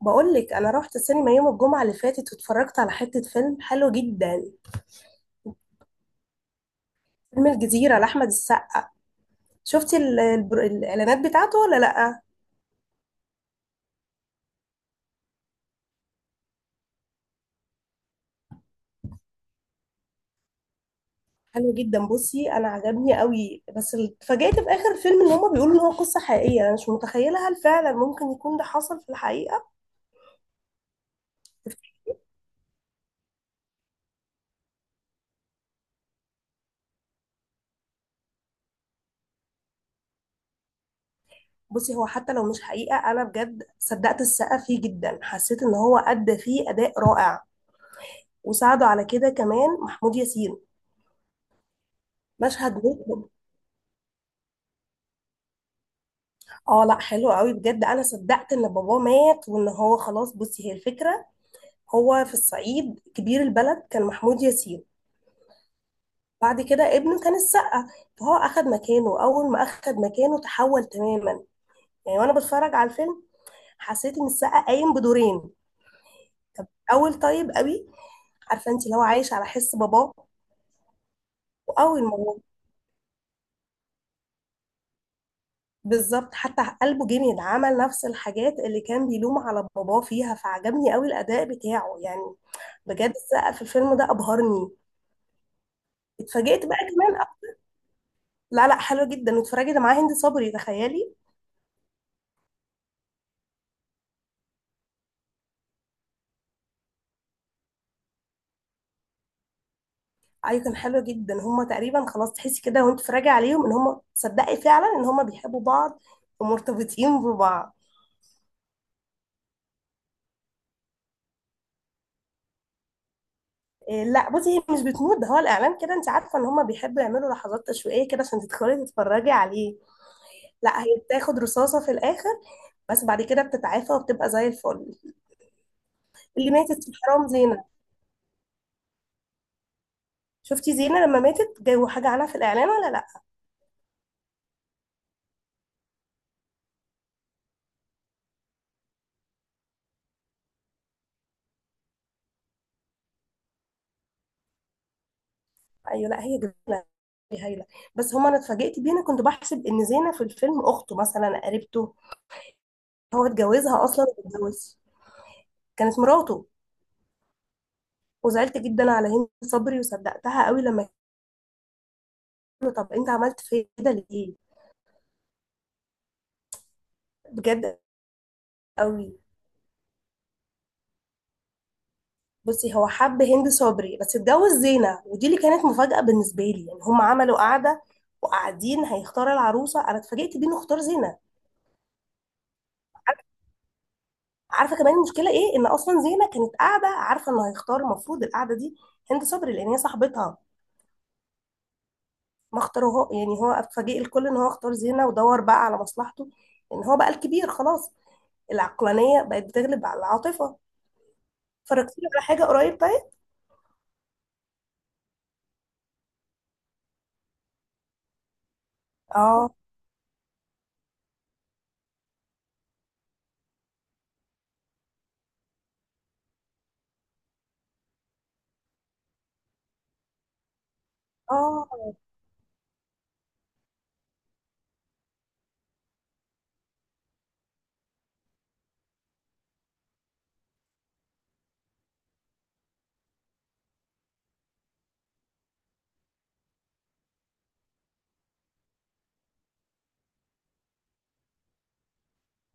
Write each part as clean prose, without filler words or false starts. بقولك انا رحت السينما يوم الجمعه اللي فاتت واتفرجت على حته فيلم حلو جدا. فيلم الجزيره لاحمد السقا. شفتي الاعلانات بتاعته ولا لا؟ حلو جدا. بصي، انا عجبني قوي، بس اتفاجئت في اخر الفيلم ان هما بيقولوا ان هو قصه حقيقيه. انا مش متخيله، هل فعلا ممكن يكون ده حصل في الحقيقه؟ بصي، هو حتى لو مش حقيقه انا بجد صدقت السقا فيه جدا، حسيت ان هو ادى فيه اداء رائع، وساعده على كده كمان محمود ياسين. مشهد. اه لا، حلو قوي بجد. انا صدقت ان باباه مات وان هو خلاص. بصي، هي الفكره: هو في الصعيد كبير البلد كان محمود ياسين، بعد كده ابنه كان السقا، فهو اخد مكانه. اول ما اخد مكانه تحول تماما، يعني وانا بتفرج على الفيلم حسيت ان السقا قايم بدورين. اول طيب قوي، عارفه انت، اللي هو عايش على حس باباه. واول ما هو بالظبط حتى قلبه جميل، عمل نفس الحاجات اللي كان بيلوم على باباه فيها، فعجبني قوي الاداء بتاعه يعني. بجد السقا في الفيلم ده ابهرني. اتفاجئت بقى كمان. لا لا، حلوه جدا. واتفرجت معاه هند صبري تخيلي. ايوه كان حلو جدا. هما تقريبا خلاص تحسي كده وانت بتتفرجي عليهم ان هما تصدقي فعلا ان هما بيحبوا بعض ومرتبطين ببعض. إيه لا بصي، هي مش بتموت. ده هو الاعلان كده، انت عارفه ان هما بيحبوا يعملوا لحظات تشويقيه كده عشان تدخلي تتفرجي عليه. لا، هي بتاخد رصاصه في الاخر، بس بعد كده بتتعافى وبتبقى زي الفل. اللي ماتت في حرام زينه. شفتي زينه لما ماتت جابوا حاجه عنها في الاعلان ولا لا؟ ايوه. لا هي جميله، هي هايله. بس هما انا اتفاجئت بيه، انا كنت بحسب ان زينه في الفيلم اخته مثلا، قريبته. هو اتجوزها اصلا، واتجوز، كانت مراته. وزعلت جدا على هند صبري وصدقتها قوي لما قالوا طب انت عملت في كده ليه. بجد، قوي. بصي، هو حب هند صبري بس اتجوز زينه، ودي اللي كانت مفاجاه بالنسبه لي. يعني هما عملوا قعده وقاعدين هيختار العروسه، انا اتفاجئت بيه انه اختار زينه. عارفه كمان المشكله ايه؟ ان اصلا زينه كانت قاعده عارفه انه هيختار. المفروض القعده دي هند صبري، لان هي صاحبتها، ما اختاروها. يعني هو اتفاجئ الكل ان هو اختار زينه، ودور بقى على مصلحته، ان هو بقى الكبير خلاص. العقلانيه بقت بتغلب على العاطفه. اتفرجتي على حاجه قريب طيب؟ اه اه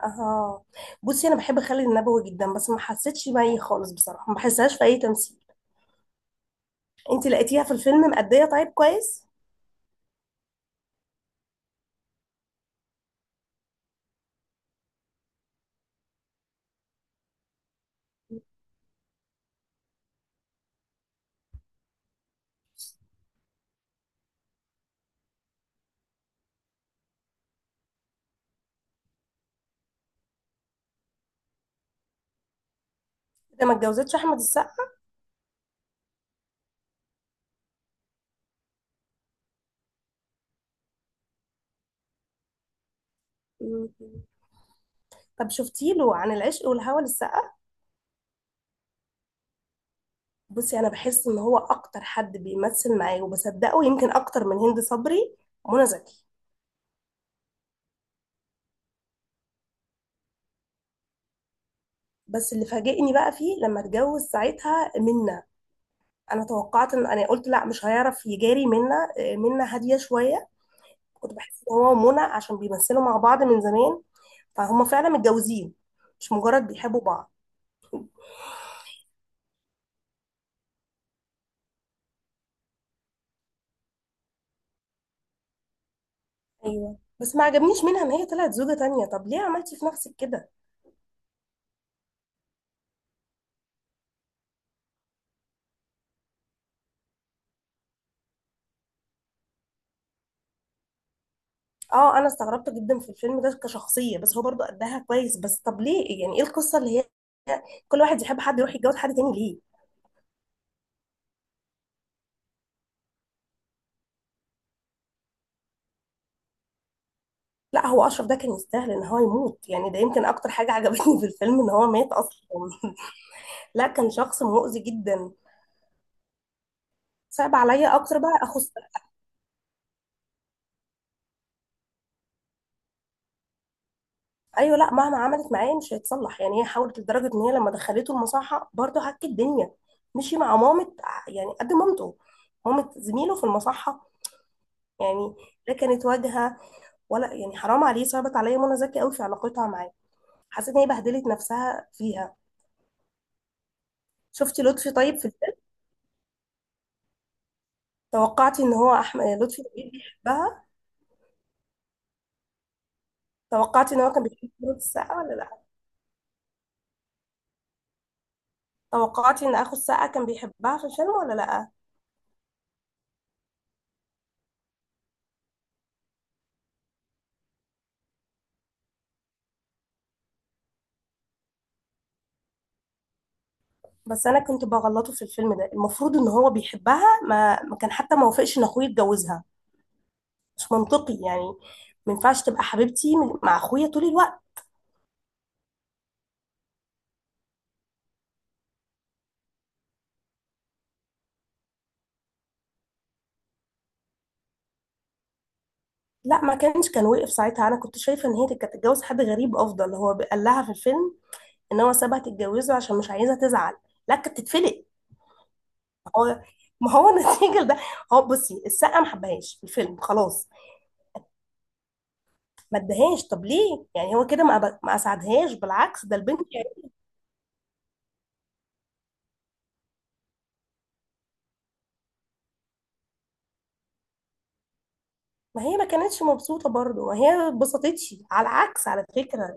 اه. بصي، انا بحب خالد النبوي جدا، بس ما حسيتش بيه خالص بصراحه، ما بحسهاش في اي تمثيل. انت لقيتيها في الفيلم مأديه؟ طيب كويس. ده ما اتجوزتش احمد السقا؟ مم. طب شفتي له عن العشق والهوى للسقا؟ بصي، انا بحس ان هو اكتر حد بيمثل معايا وبصدقه، يمكن اكتر من هند صبري. منى زكي. بس اللي فاجئني بقى فيه لما اتجوز ساعتها منى، انا توقعت، ان انا قلت لا مش هيعرف يجاري منى. منى هاديه شويه. كنت بحس ان هو ومنى عشان بيمثلوا مع بعض من زمان، فهم فعلا متجوزين مش مجرد بيحبوا بعض. ايوه، بس ما عجبنيش منها ان هي طلعت زوجة تانية. طب ليه عملتي في نفسك كده؟ اه، انا استغربت جدا في الفيلم ده كشخصية، بس هو برضو قدها كويس. بس طب ليه؟ يعني ايه القصة اللي كل واحد يحب حد يروح يتجوز حد تاني ليه؟ لا، هو اشرف ده كان يستاهل ان هو يموت يعني. ده يمكن اكتر حاجه عجبتني في الفيلم ان هو مات اصلا لا، كان شخص مؤذي جدا. صعب عليا اكتر بقى اخو السقا. ايوه. لا مهما عملت معاه مش هيتصلح يعني. هي حاولت لدرجه ان هي لما دخلته المصحه برضه هك الدنيا، مشي مع مامة يعني قد مامته، مامة زميله في المصحه يعني. لا، كانت واجهه، ولا يعني حرام عليه. صعبت عليا منى زكي قوي في علاقتها معاه، حسيت ان هي بهدلت نفسها فيها. شفتي لطفي طيب في؟ توقعتي ان هو احمد لطفي لبيب بيحبها؟ توقعتي ان هو كان بيحب كرة السقا ولا لا؟ توقعتي ان اخو السقا كان بيحبها في الفيلم ولا لا؟ بس انا كنت بغلطه في الفيلم ده. المفروض ان هو بيحبها، ما كان، حتى ما وافقش ان اخوه يتجوزها. مش منطقي يعني. ما ينفعش تبقى حبيبتي مع اخويا طول الوقت. لا ما كانش، كان وقف ساعتها. انا كنت شايفه ان هي كانت تتجوز حد غريب افضل. هو قال لها في الفيلم ان هو سابها تتجوزه عشان مش عايزها تزعل. لا كانت تتفلق. هو، ما هو النتيجه ده. هو بصي السقه ما حبهاش في الفيلم خلاص، ما ادهاش. طب ليه يعني هو كده، ما اسعدهاش؟ بالعكس ده البنت يعني. ما هي ما كانتش مبسوطه برضه، ما هي ما اتبسطتش على العكس على فكره.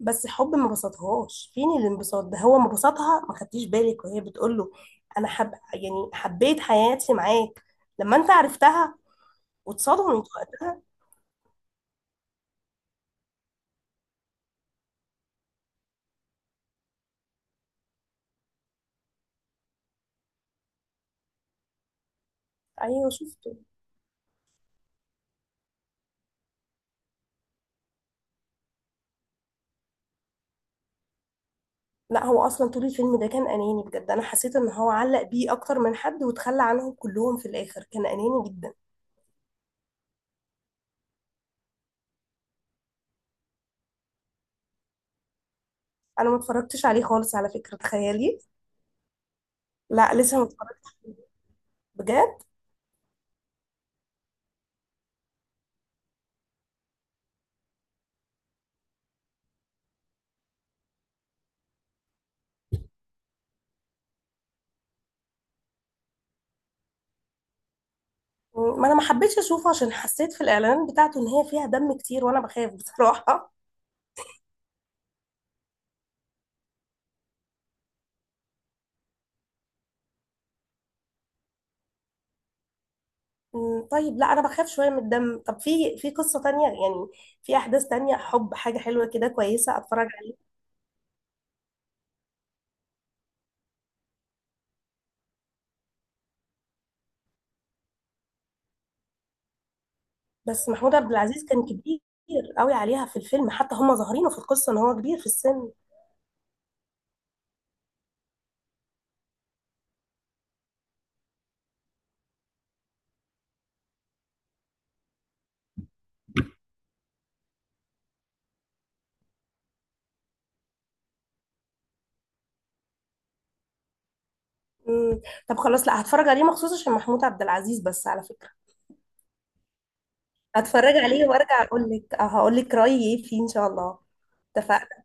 بس حب ما بسطهاش، فين الانبساط ده؟ هو ما بسطها. ما خدتيش بالك وهي بتقول له انا حب يعني حبيت حياتي معاك لما انت عرفتها واتصدمت وقتها. ايوه شفته. لا هو اصلا طول الفيلم ده كان اناني بجد. انا حسيت ان هو علق بيه اكتر من حد وتخلى عنهم كلهم في الاخر، كان اناني جدا. انا ما اتفرجتش عليه خالص على فكرة، تخيلي. لا لسه ما اتفرجتش عليه. بجد. ما انا ما حبيتش اشوفه عشان حسيت في الاعلانات بتاعته ان هي فيها دم كتير، وانا بخاف بصراحة. طيب لا انا بخاف شوية من الدم. طب في قصة تانية يعني، في احداث تانية، حب حاجة حلوة كده كويسة اتفرج عليها؟ بس محمود عبد العزيز كان كبير قوي عليها في الفيلم، حتى هم ظاهرينه في القصة ان هو كبير في السن. مم. طب خلاص لا، هتفرج عليه مخصوص عشان محمود عبد العزيز بس على فكرة. هتفرج عليه وارجع اقول لك، هقول لك رأيي ايه فيه ان شاء الله. اتفقنا.